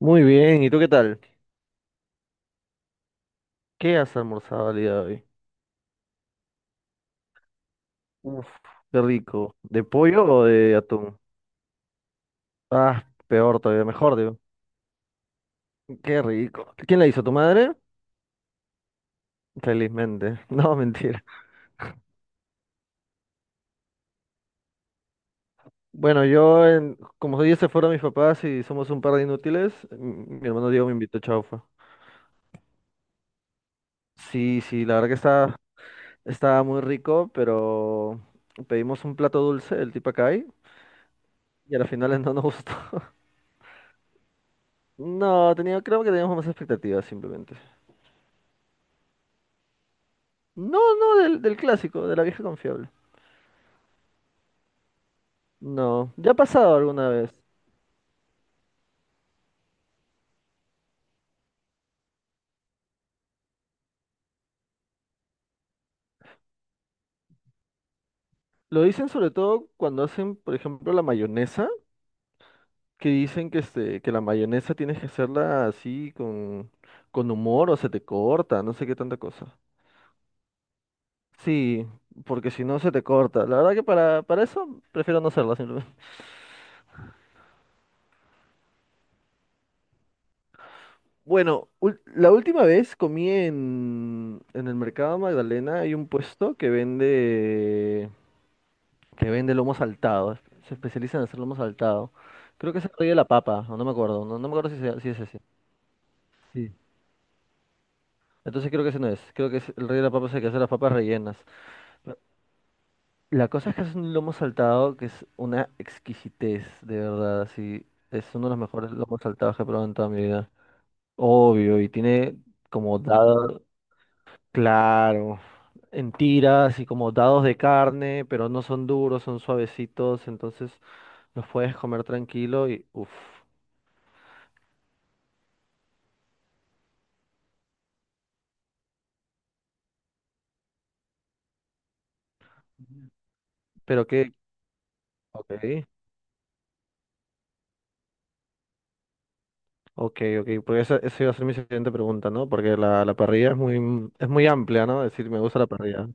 Muy bien, ¿y tú qué tal? ¿Qué has almorzado el día de hoy? Uf, qué rico. ¿De pollo o de atún? Ah, peor todavía, mejor digo. Qué rico. ¿Quién la hizo? ¿Tu madre? Felizmente. No, mentira. Bueno, yo, como ya se fueron mis papás y somos un par de inútiles, mi hermano Diego me invitó chaufa. Sí, sí, la verdad que estaba muy rico, pero pedimos un plato dulce, el tipacay, y a las finales no nos gustó. No, tenía, creo que teníamos más expectativas simplemente. No, no, del clásico, de la vieja confiable. No, ya ha pasado alguna vez. Lo dicen sobre todo cuando hacen, por ejemplo, la mayonesa, que dicen que, este, que la mayonesa tienes que hacerla así con humor o se te corta, no sé qué tanta cosa. Sí, porque si no se te corta. La verdad que para eso prefiero no hacerla simplemente. Bueno, la última vez comí en el mercado Magdalena, hay un puesto que vende lomo saltado. Se especializa en hacer lomo saltado. Creo que es el rey de la papa, o no me acuerdo. No, no me acuerdo si, si es ese. Sí. Entonces creo que ese no es. Creo que es el rey de la papa es el que hace las papas rellenas. Pero la cosa es que es un lomo saltado que es una exquisitez, de verdad. Así, es uno de los mejores lomos saltados que he probado en toda mi vida. Obvio, y tiene como dados, claro, en tiras y como dados de carne, pero no son duros, son suavecitos. Entonces los puedes comer tranquilo y uff. Pero qué, ok, ok, porque esa iba a ser mi siguiente pregunta, ¿no? Porque la parrilla es muy amplia, ¿no? Es decir, me gusta la parrilla.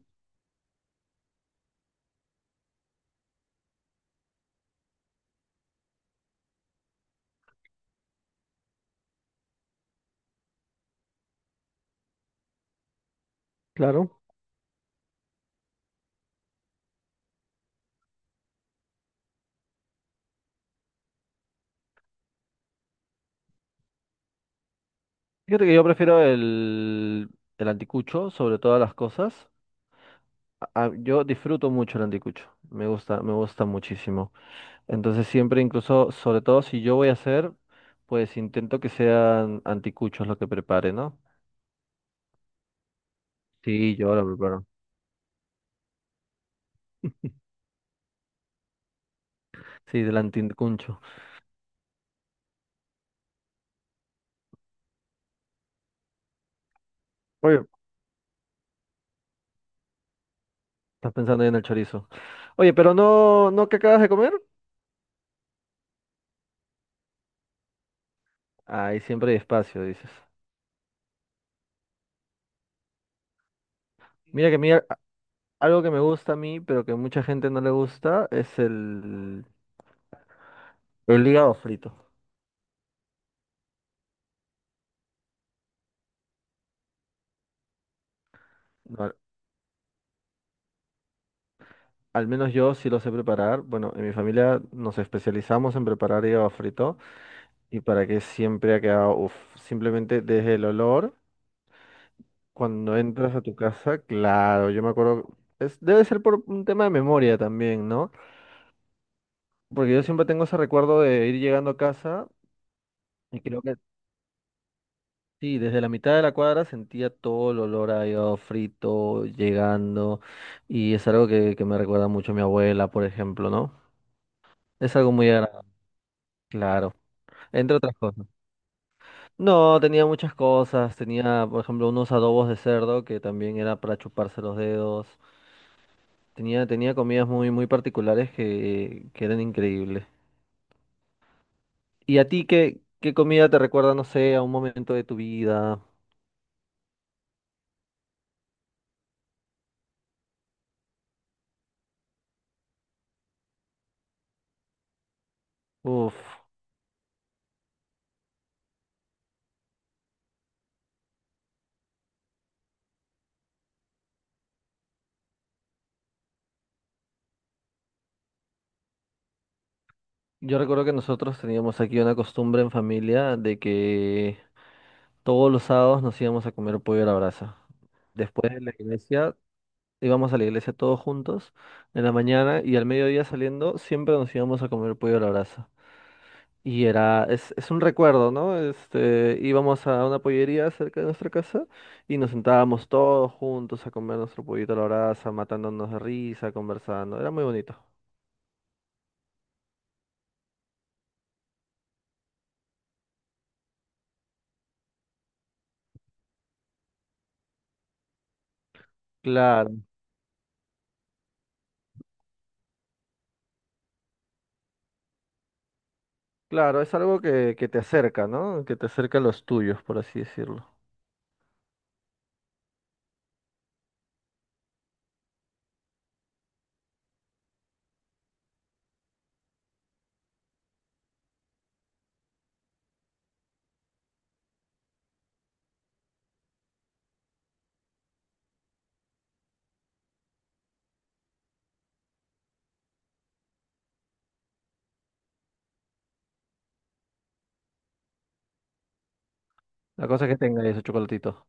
Claro. Fíjate que yo prefiero el anticucho sobre todas las cosas. Yo disfruto mucho el anticucho, me gusta muchísimo. Entonces siempre, incluso, sobre todo si yo voy a hacer, pues intento que sean anticuchos lo que prepare, ¿no? Sí, yo lo preparo. Sí, del anticucho. Oye, estás pensando ahí en el chorizo. Oye, pero no, ¿no que acabas de comer? Ahí siempre hay espacio, dices. Mira que mira, algo que me gusta a mí, pero que a mucha gente no le gusta, es el hígado frito. No, al menos yo sí lo sé preparar. Bueno, en mi familia nos especializamos en preparar hígado frito y para que siempre ha quedado, uf, simplemente desde el olor, cuando entras a tu casa, claro, yo me acuerdo, es, debe ser por un tema de memoria también, ¿no? Porque yo siempre tengo ese recuerdo de ir llegando a casa y creo que sí, desde la mitad de la cuadra sentía todo el olor a hígado frito llegando y es algo que me recuerda mucho a mi abuela, por ejemplo, ¿no? Es algo muy agradable, claro, entre otras cosas. No, tenía muchas cosas, tenía, por ejemplo, unos adobos de cerdo que también era para chuparse los dedos. Tenía, tenía comidas muy, muy particulares que eran increíbles. ¿Y a ti qué, qué comida te recuerda, no sé, a un momento de tu vida? Uf. Yo recuerdo que nosotros teníamos aquí una costumbre en familia de que todos los sábados nos íbamos a comer pollo a la brasa. Después de la iglesia, íbamos a la iglesia todos juntos en la mañana y al mediodía saliendo siempre nos íbamos a comer pollo a la brasa. Y era, es un recuerdo, ¿no? Este, íbamos a una pollería cerca de nuestra casa y nos sentábamos todos juntos a comer nuestro pollito a la brasa, matándonos de risa, conversando. Era muy bonito. Claro. Claro, es algo que te acerca, ¿no? Que te acerca a los tuyos, por así decirlo. La cosa es que tenga ese chocolatito.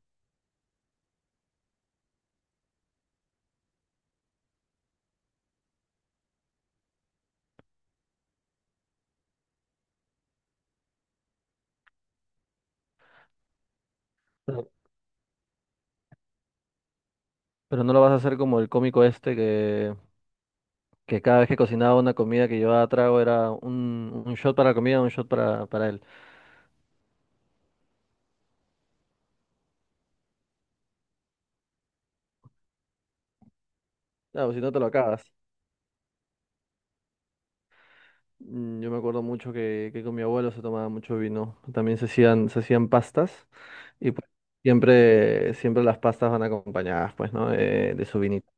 Pero, pero no lo vas a hacer como el cómico este que cada vez que cocinaba una comida que llevaba trago era un shot para la comida, un shot para él. Claro, si no te lo acabas. Mm, yo me acuerdo mucho que con mi abuelo se tomaba mucho vino. También se hacían pastas y pues siempre, siempre las pastas van acompañadas, pues, ¿no? De su vinito.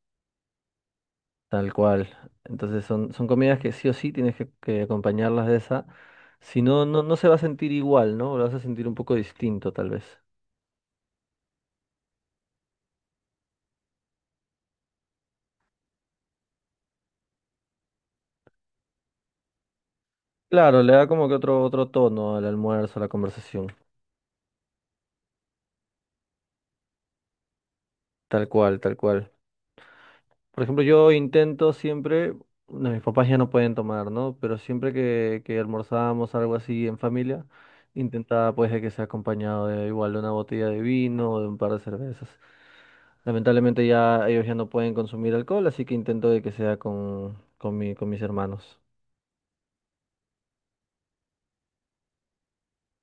Tal cual. Entonces son, son comidas que sí o sí tienes que acompañarlas de esa. Si no, no, no se va a sentir igual, ¿no? Lo vas a sentir un poco distinto, tal vez. Claro, le da como que otro, otro tono al almuerzo, a la conversación. Tal cual, tal cual. Por ejemplo, yo intento siempre, no, mis papás ya no pueden tomar, ¿no? Pero siempre que almorzábamos algo así en familia, intentaba pues de que sea acompañado de igual de una botella de vino o de un par de cervezas. Lamentablemente ya ellos ya no pueden consumir alcohol, así que intento de que sea con mi, con mis hermanos.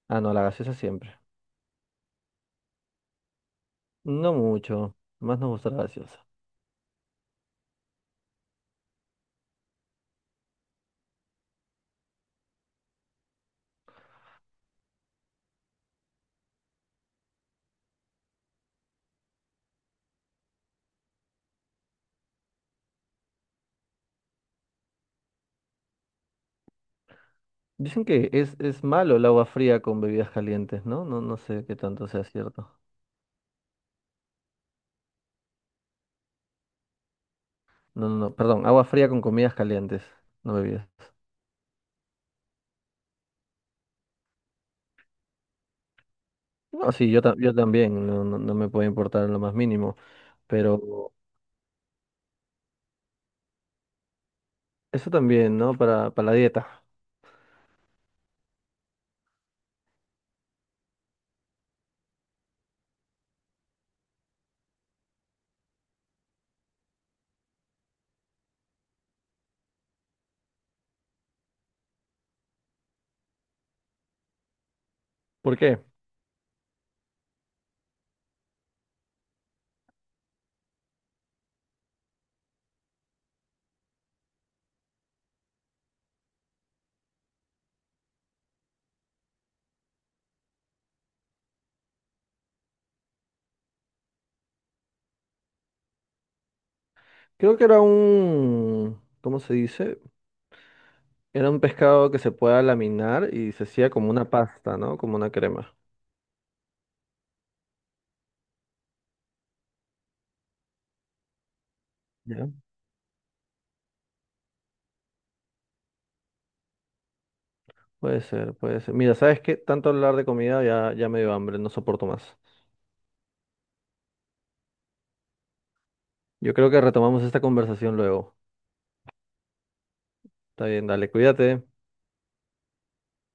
Ah, no, la gaseosa siempre. No mucho, más nos gusta la gaseosa. Dicen que es malo el agua fría con bebidas calientes, ¿no? No, no sé qué tanto sea cierto. No, no, no, perdón, agua fría con comidas calientes, no bebidas. No, sí, yo, yo también, no, no, no me puede importar en lo más mínimo, pero eso también, ¿no? Para la dieta. ¿Por qué? Creo que era un, ¿cómo se dice? Era un pescado que se pueda laminar y se hacía como una pasta, ¿no? Como una crema. Ya. Puede ser, puede ser. Mira, ¿sabes qué? Tanto hablar de comida ya, ya me dio hambre, no soporto más. Yo creo que retomamos esta conversación luego. Está bien, dale, cuídate.